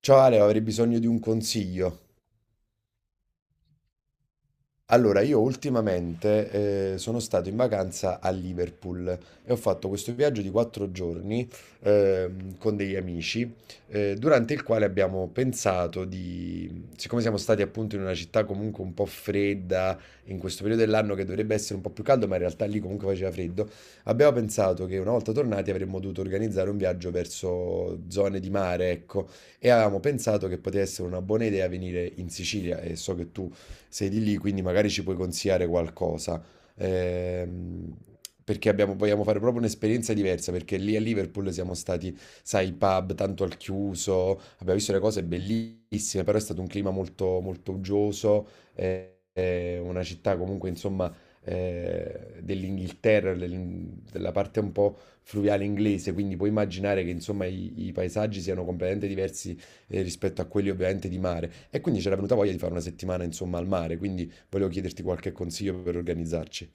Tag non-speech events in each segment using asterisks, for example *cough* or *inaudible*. Ciao Ale, avrei bisogno di un consiglio. Allora, io ultimamente sono stato in vacanza a Liverpool e ho fatto questo viaggio di 4 giorni con degli amici, durante il quale abbiamo pensato di, siccome siamo stati appunto in una città comunque un po' fredda, in questo periodo dell'anno che dovrebbe essere un po' più caldo, ma in realtà lì comunque faceva freddo, abbiamo pensato che una volta tornati avremmo dovuto organizzare un viaggio verso zone di mare, ecco, e avevamo pensato che potesse essere una buona idea venire in Sicilia e so che tu sei di lì, quindi magari ci puoi consigliare qualcosa. Ehm, Vogliamo fare proprio un'esperienza diversa, perché lì a Liverpool siamo stati, sai, pub tanto al chiuso, abbiamo visto le cose bellissime, però è stato un clima molto, molto uggioso, una città comunque, insomma, della parte un po' fluviale inglese, quindi puoi immaginare che insomma i paesaggi siano completamente diversi rispetto a quelli ovviamente di mare. E quindi c'era venuta voglia di fare una settimana insomma al mare, quindi volevo chiederti qualche consiglio per organizzarci.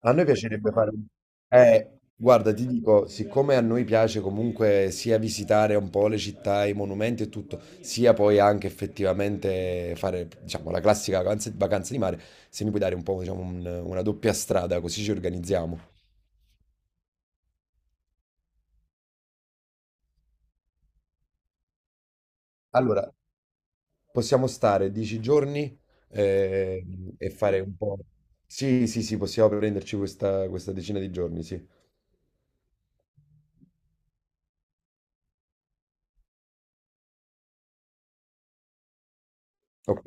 A noi piacerebbe fare... Eh, guarda, ti dico, siccome a noi piace comunque sia visitare un po' le città, i monumenti e tutto, sia poi anche effettivamente fare, diciamo, la classica vacanza, vacanza di mare, se mi puoi dare un po', diciamo, una doppia strada, così ci organizziamo. Allora, possiamo stare 10 giorni eh, e fare un po'. Sì, sì, sì, possiamo prenderci questa decina di giorni, sì. Ok,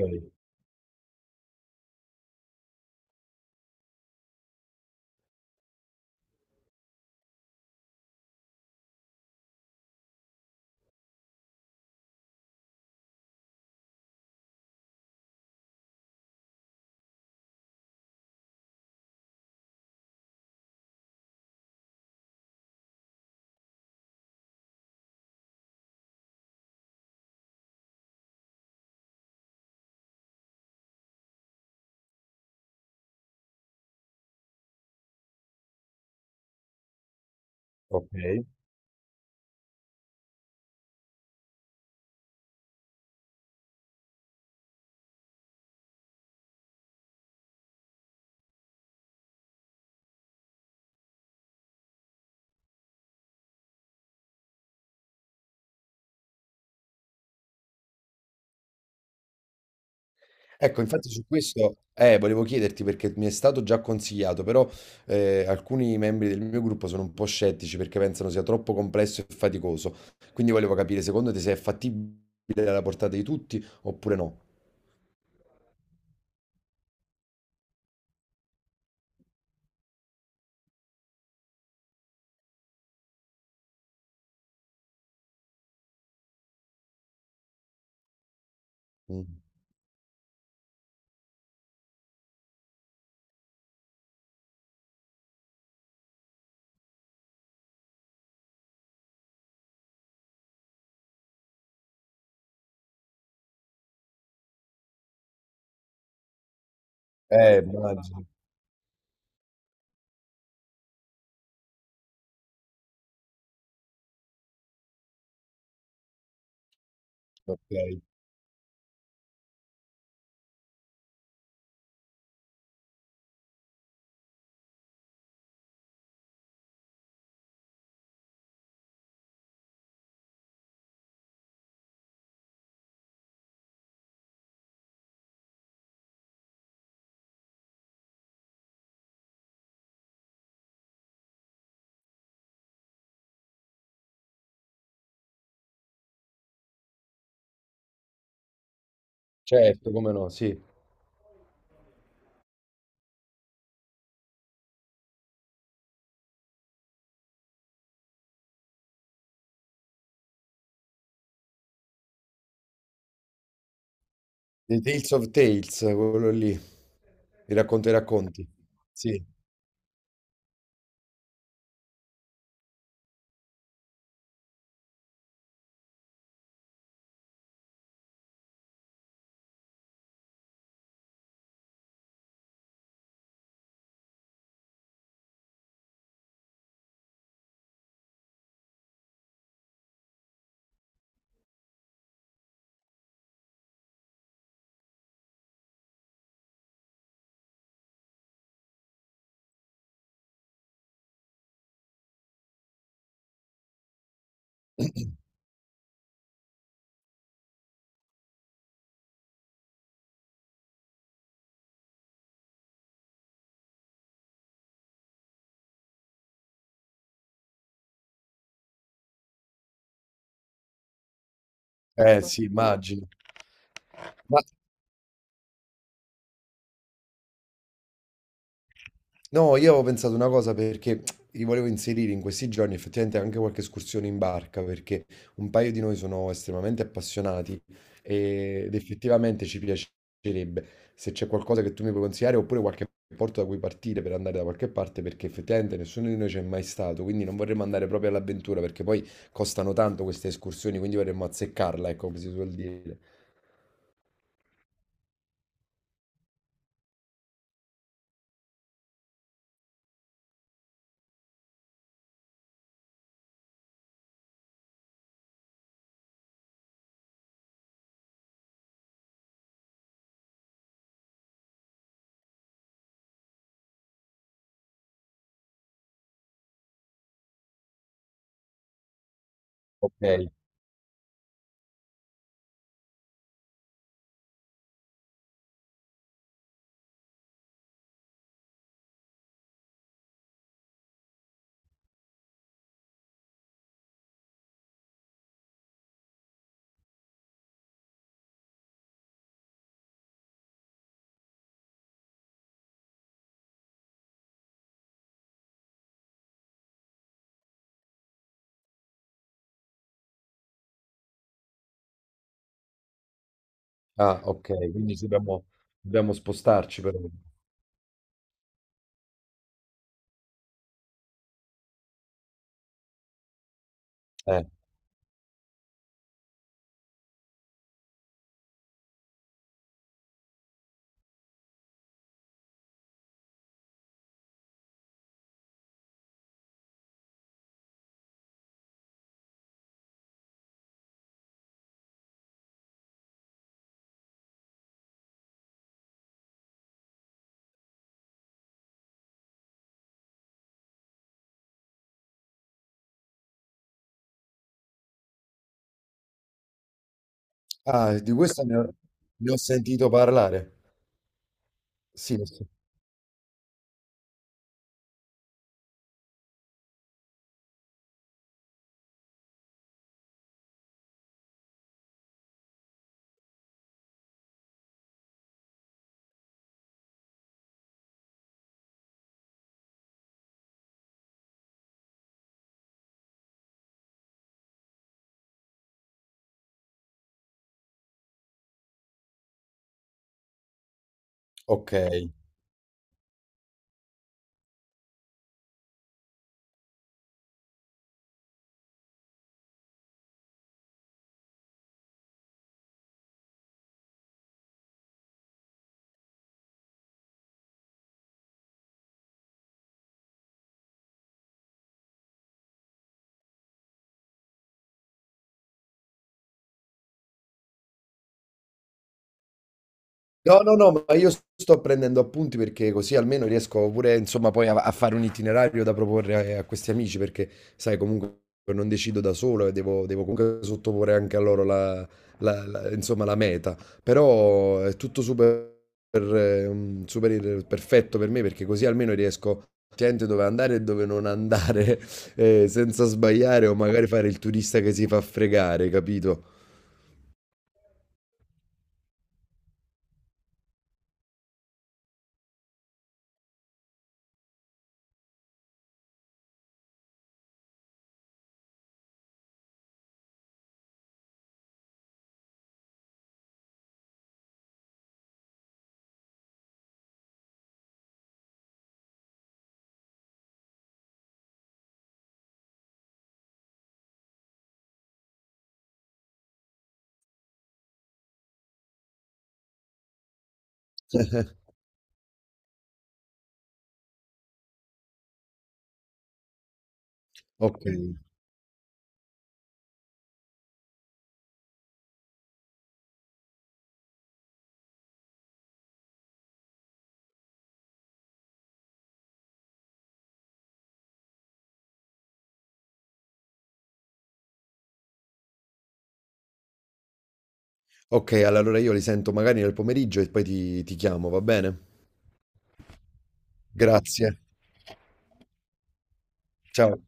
ok. Ecco, infatti su questo volevo chiederti perché mi è stato già consigliato, però alcuni membri del mio gruppo sono un po' scettici perché pensano sia troppo complesso e faticoso. Quindi volevo capire, secondo te, se è fattibile alla portata di tutti oppure no? Mm. Immagino. Ok, certo, come no, sì. The Tales of Tales, quello lì, i racconti e racconti. Sì, eh sì, immagino. Ma No, io avevo pensato una cosa perché li volevo inserire in questi giorni effettivamente anche qualche escursione in barca perché un paio di noi sono estremamente appassionati ed effettivamente ci piacerebbe se c'è qualcosa che tu mi puoi consigliare oppure qualche porto da cui partire per andare da qualche parte perché effettivamente nessuno di noi c'è mai stato, quindi non vorremmo andare proprio all'avventura perché poi costano tanto queste escursioni, quindi vorremmo azzeccarla, ecco come si suol dire. Ok, ah, ok, dobbiamo spostarci però. Eh. Ah, di questo ne ho sentito parlare. Sì, ne ho sen- ok. No, no, no, ma io sto prendendo appunti perché così almeno riesco pure, insomma, poi a, a fare un itinerario da proporre a, a questi amici perché, sai, comunque non decido da solo e devo comunque sottoporre anche a loro insomma, la meta. Però è tutto super, super perfetto per me perché così almeno riesco a scegliere dove andare e dove non andare *laughs* senza sbagliare o magari fare il turista che si fa fregare, capito? Ok. Ok, allora io li sento magari nel pomeriggio e poi ti chiamo, va bene? Grazie. Ciao.